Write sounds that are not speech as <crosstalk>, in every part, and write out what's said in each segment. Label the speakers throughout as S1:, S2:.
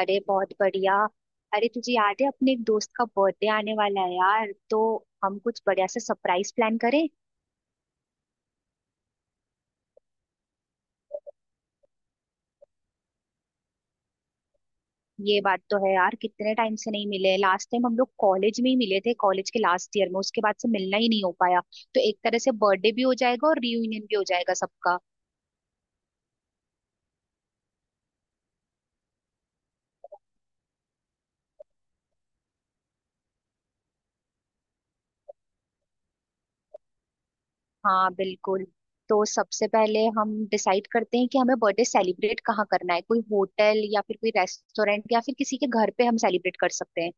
S1: अरे बहुत बढ़िया। अरे तुझे याद है, अपने एक दोस्त का बर्थडे आने वाला है यार, तो हम कुछ बढ़िया से सरप्राइज प्लान करें। ये बात तो है यार, कितने टाइम से नहीं मिले। लास्ट टाइम हम लोग कॉलेज में ही मिले थे, कॉलेज के लास्ट ईयर में। उसके बाद से मिलना ही नहीं हो पाया। तो एक तरह से बर्थडे भी हो जाएगा और रियूनियन भी हो जाएगा सबका। हाँ बिल्कुल। तो सबसे पहले हम डिसाइड करते हैं कि हमें बर्थडे सेलिब्रेट कहाँ करना है। कोई होटल, या फिर कोई रेस्टोरेंट, या फिर किसी के घर पे हम सेलिब्रेट कर सकते हैं।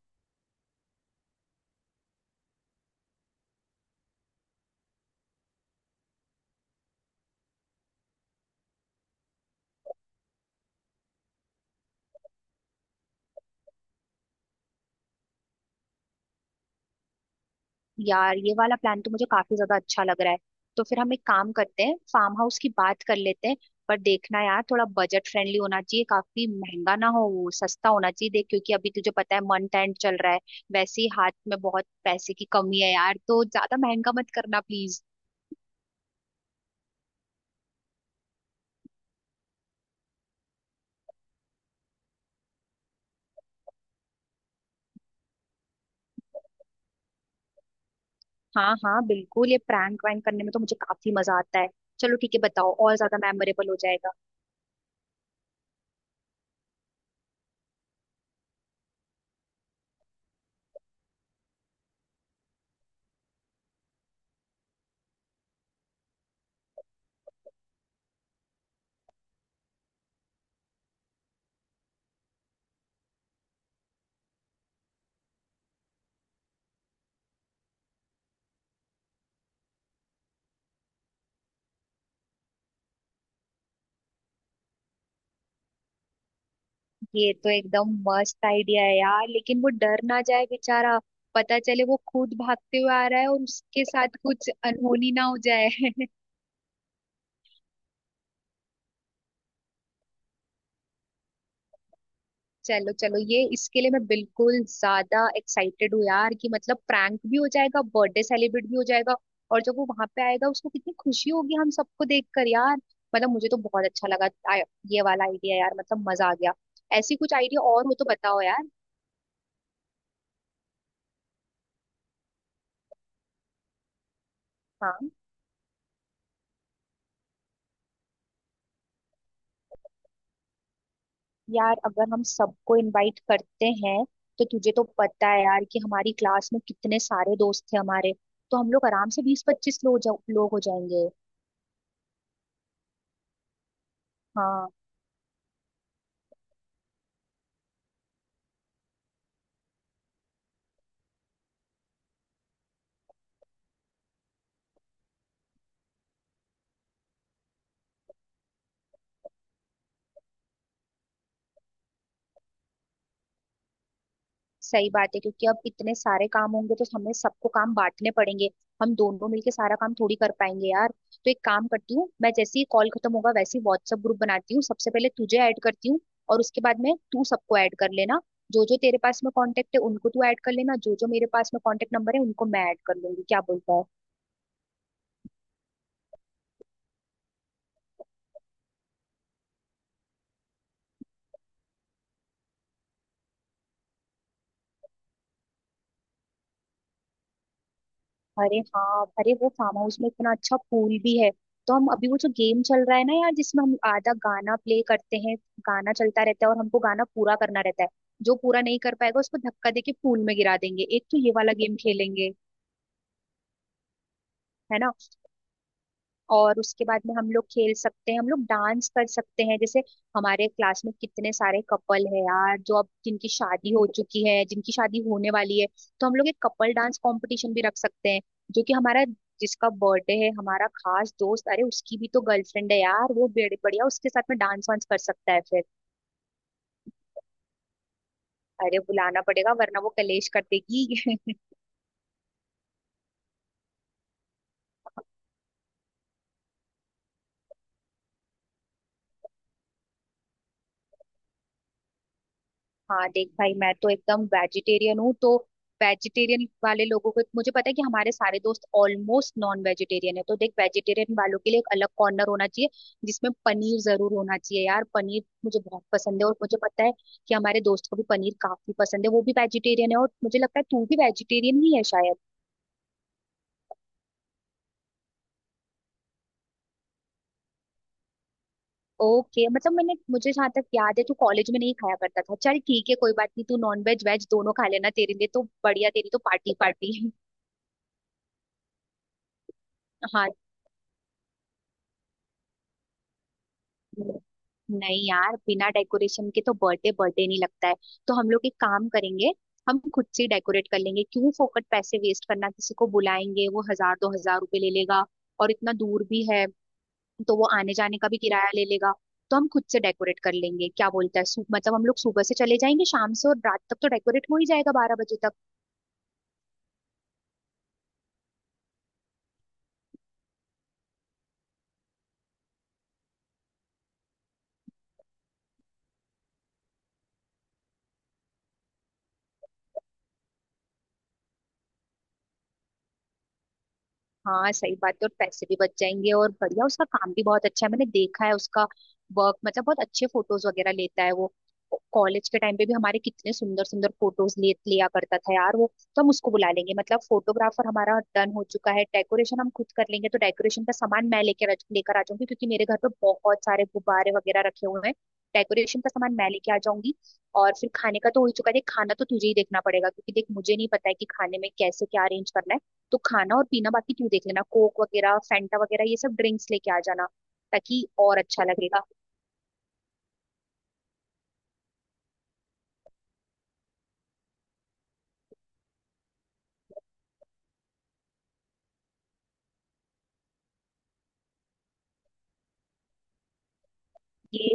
S1: यार ये वाला प्लान तो मुझे काफी ज्यादा अच्छा लग रहा है। तो फिर हम एक काम करते हैं, फार्म हाउस की बात कर लेते हैं। पर देखना यार, थोड़ा बजट फ्रेंडली होना चाहिए, काफी महंगा ना हो, वो सस्ता होना चाहिए देख, क्योंकि अभी तुझे पता है मंथ एंड चल रहा है। वैसे ही हाथ में बहुत पैसे की कमी है यार, तो ज्यादा महंगा मत करना प्लीज। हाँ हाँ बिल्कुल, ये प्रैंक वैंक करने में तो मुझे काफी मजा आता है। चलो ठीक है, बताओ, और ज्यादा मेमोरेबल हो जाएगा। ये तो एकदम मस्त आइडिया है यार, लेकिन वो डर ना जाए बेचारा। पता चले वो खुद भागते हुए आ रहा है और उसके साथ कुछ अनहोनी ना हो जाए। <laughs> चलो चलो, ये इसके लिए मैं बिल्कुल ज्यादा एक्साइटेड हूँ यार, कि मतलब प्रैंक भी हो जाएगा, बर्थडे सेलिब्रेट भी हो जाएगा। और जब वो वहां पे आएगा, उसको कितनी खुशी होगी हम सबको देखकर यार। मतलब मुझे तो बहुत अच्छा लगा। आ- ये वाला आइडिया यार, मतलब मजा आ गया। ऐसी कुछ आइडिया और हो तो बताओ यार। हाँ यार, अगर हम सबको इनवाइट करते हैं, तो तुझे तो पता है यार कि हमारी क्लास में कितने सारे दोस्त थे हमारे। तो हम लोग आराम से 20-25 लोग लोग हो जाएंगे। हाँ सही बात है, क्योंकि अब इतने सारे काम होंगे तो हमें सबको काम बांटने पड़ेंगे। हम दोनों मिलके सारा काम थोड़ी कर पाएंगे यार। तो एक काम करती हूँ, मैं जैसे ही कॉल खत्म होगा वैसे ही व्हाट्सएप ग्रुप बनाती हूँ, सबसे पहले तुझे ऐड करती हूँ। और उसके बाद में तू सबको ऐड कर लेना। जो जो तेरे पास में कांटेक्ट है उनको तू ऐड कर लेना, जो जो मेरे पास में कांटेक्ट नंबर है उनको मैं ऐड कर लूंगी, क्या बोलता है? अरे हाँ, अरे वो फार्म हाउस में इतना अच्छा पूल भी है। तो हम अभी वो जो गेम चल रहा है ना यार, जिसमें हम आधा गाना प्ले करते हैं, गाना चलता रहता है और हमको गाना पूरा करना रहता है, जो पूरा नहीं कर पाएगा उसको धक्का देके पूल में गिरा देंगे। एक तो ये वाला गेम खेलेंगे, है ना। और उसके बाद में हम लोग खेल सकते हैं, हम लोग डांस कर सकते हैं। जैसे, हमारे क्लास में कितने सारे कपल है यार, जो अब जिनकी शादी हो चुकी है, जिनकी शादी होने वाली है। तो हम लोग एक कपल डांस कंपटीशन भी रख सकते हैं। जो कि हमारा, जिसका बर्थडे है हमारा खास दोस्त, अरे उसकी भी तो गर्लफ्रेंड है यार, वो बड़े बढ़िया उसके साथ में डांस वांस कर सकता है फिर। अरे बुलाना पड़ेगा, वरना वो कलेश कर देगी। <laughs> हाँ देख भाई, मैं तो एकदम वेजिटेरियन हूँ, तो वेजिटेरियन वाले लोगों को, मुझे पता है कि हमारे सारे दोस्त ऑलमोस्ट नॉन वेजिटेरियन है, तो देख वेजिटेरियन वालों के लिए एक अलग कॉर्नर होना चाहिए, जिसमें पनीर जरूर होना चाहिए यार, पनीर मुझे बहुत पसंद है। और मुझे पता है कि हमारे दोस्त को भी पनीर काफी पसंद है, वो भी वेजिटेरियन है। और मुझे लगता है तू भी वेजिटेरियन ही है शायद। ओके, मतलब मैंने, मुझे जहाँ तक याद है तू कॉलेज में नहीं खाया करता था। चल ठीक है, कोई बात नहीं, तू नॉन वेज वेज दोनों खा लेना, तेरे लिए तो बढ़िया, तेरी तो पार्टी पार्टी। हाँ। नहीं यार, बिना डेकोरेशन के तो बर्थडे बर्थडे नहीं लगता है। तो हम लोग एक काम करेंगे, हम खुद से डेकोरेट कर लेंगे। क्यों फोकट पैसे वेस्ट करना, किसी को बुलाएंगे वो 1,000-2,000 रुपए ले लेगा। और इतना दूर भी है, तो वो आने जाने का भी किराया ले लेगा। तो हम खुद से डेकोरेट कर लेंगे, क्या बोलता है? मतलब हम लोग सुबह से चले जाएंगे, शाम से, और रात तक तो डेकोरेट हो ही जाएगा, 12 बजे तक। हाँ सही बात है, और पैसे भी बच जाएंगे, और बढ़िया, उसका काम भी बहुत अच्छा है, मैंने देखा है उसका वर्क, मतलब बहुत अच्छे फोटोज वगैरह लेता है वो। कॉलेज के टाइम पे भी हमारे कितने सुंदर सुंदर फोटोज ले लिया करता था यार वो, तो हम उसको बुला लेंगे। मतलब फोटोग्राफर हमारा डन हो चुका है, डेकोरेशन हम खुद कर लेंगे, तो डेकोरेशन का सामान मैं लेकर लेकर आ जाऊंगी, क्योंकि मेरे घर पे बहुत सारे गुब्बारे वगैरह रखे हुए हैं। डेकोरेशन का सामान मैं लेके आ जाऊंगी। और फिर खाने का तो हो ही चुका है देख, खाना तो तुझे ही देखना पड़ेगा, क्योंकि देख, मुझे नहीं पता है कि खाने में कैसे क्या अरेंज करना है। तो खाना और पीना बाकी तू देख लेना, कोक वगैरह, फैंटा वगैरह, ये सब ड्रिंक्स लेके आ जाना, ताकि और अच्छा लगेगा। ये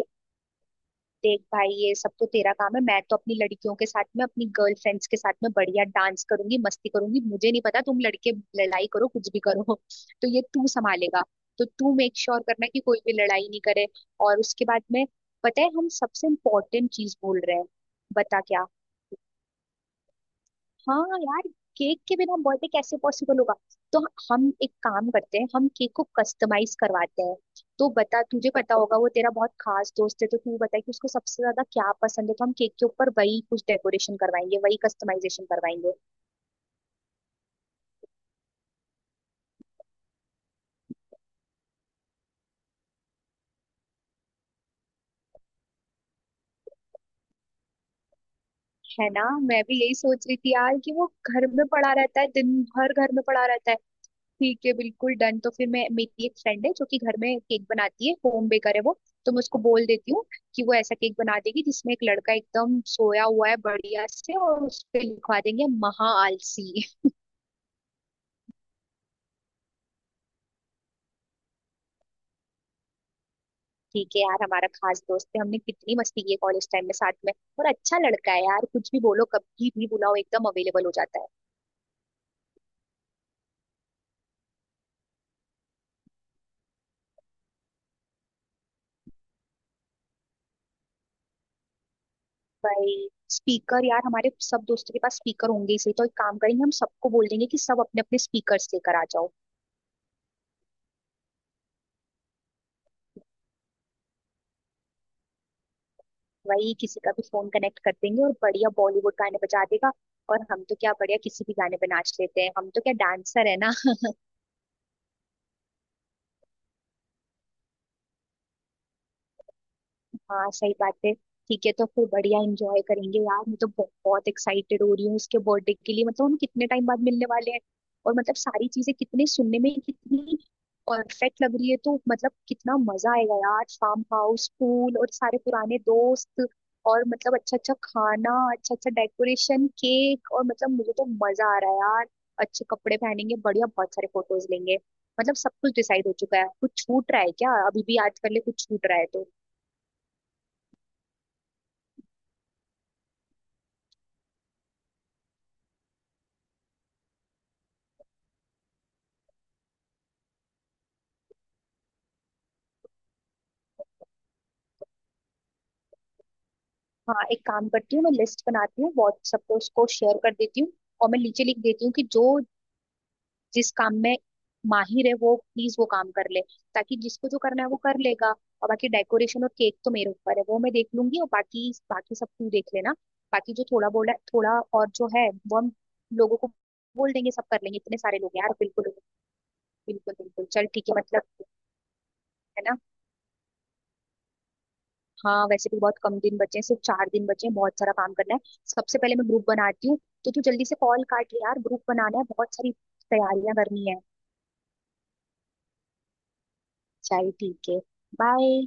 S1: देख भाई, ये सब तो तेरा काम है। मैं तो अपनी लड़कियों के साथ में, अपनी गर्लफ्रेंड्स के साथ में बढ़िया डांस करूंगी, मस्ती करूंगी। मुझे नहीं पता, तुम लड़के लड़ाई करो, कुछ भी करो, <laughs> तो ये तू संभालेगा। तो तू मेक श्योर करना कि कोई भी लड़ाई नहीं करे। और उसके बाद में, पता है हम सबसे इम्पोर्टेंट चीज भूल रहे हैं, बता क्या? हाँ यार, केक के बिना बर्थडे कैसे पॉसिबल होगा। तो हम एक काम करते हैं, हम केक को कस्टमाइज करवाते हैं। तो बता, तुझे पता होगा, वो तेरा बहुत खास दोस्त है, तो तू बता कि उसको सबसे ज्यादा क्या पसंद है, तो हम केक के ऊपर वही कुछ डेकोरेशन करवाएंगे, वही कस्टमाइजेशन करवाएंगे। है ना, मैं भी यही सोच रही थी यार, कि वो घर में पड़ा रहता है, दिन भर घर में पड़ा रहता है। ठीक है, बिल्कुल डन। तो फिर, मैं, मेरी एक फ्रेंड है जो कि घर में केक बनाती है, होम बेकर है वो, तो मैं उसको बोल देती हूँ कि वो ऐसा केक बना देगी जिसमें एक लड़का एकदम सोया हुआ है, बढ़िया से, और उस पे लिखवा देंगे महा आलसी। ठीक है यार, हमारा खास दोस्त है, हमने कितनी मस्ती की है कॉलेज टाइम में साथ में। और अच्छा लड़का है यार, कुछ भी बोलो, कभी भी बुलाओ, एकदम अवेलेबल हो जाता है। भाई स्पीकर यार, हमारे सब दोस्तों के पास स्पीकर होंगे ही सही, तो एक काम करेंगे, हम सबको बोल देंगे कि सब अपने अपने स्पीकर लेकर आ जाओ। वही किसी का भी फोन कनेक्ट कर देंगे और बढ़िया बॉलीवुड गाने बजा देगा। और हम तो क्या, बढ़िया किसी भी गाने पे नाच लेते हैं, हम तो क्या डांसर है ना। <laughs> हाँ सही बात है। ठीक है, तो फिर बढ़िया एंजॉय करेंगे यार, मैं तो बहुत एक्साइटेड हो रही हूँ उसके बर्थडे के लिए। मतलब हम कितने टाइम बाद मिलने वाले हैं, और मतलब सारी चीजें कितने, सुनने में कितनी परफेक्ट लग रही है। तो मतलब कितना मजा आएगा यार, फार्म हाउस, पूल, और सारे पुराने दोस्त, और मतलब अच्छा अच्छा खाना, अच्छा अच्छा डेकोरेशन, केक, और मतलब मुझे तो मजा आ रहा है यार। अच्छे कपड़े पहनेंगे, बढ़िया, बहुत सारे फोटोज लेंगे। मतलब सब कुछ डिसाइड हो चुका है, कुछ छूट रहा है क्या? अभी भी आज कर ले, कुछ छूट रहा है तो। हाँ एक काम करती हूँ, मैं लिस्ट बनाती हूँ, व्हाट्सएप पे उसको शेयर कर देती हूँ। और मैं नीचे लिख देती हूँ कि जो जिस काम में माहिर है, वो प्लीज वो काम कर ले, ताकि जिसको जो करना है वो कर लेगा। और बाकी डेकोरेशन और केक तो मेरे ऊपर है, वो मैं देख लूंगी, और बाकी बाकी सब तू देख लेना। बाकी जो थोड़ा बोला थोड़ा, और जो है वो हम लोगों को बोल देंगे, सब कर लेंगे, इतने सारे लोग हैं यार। बिल्कुल बिल्कुल बिल्कुल, चल ठीक है, मतलब है ना। हाँ वैसे भी बहुत कम दिन बचे हैं, सिर्फ 4 दिन बचे हैं, बहुत सारा काम करना है। सबसे पहले मैं ग्रुप बनाती हूँ, तो तू जल्दी से कॉल काट ले यार, ग्रुप बनाना है, बहुत सारी तैयारियां करनी है। चल ठीक है, बाय।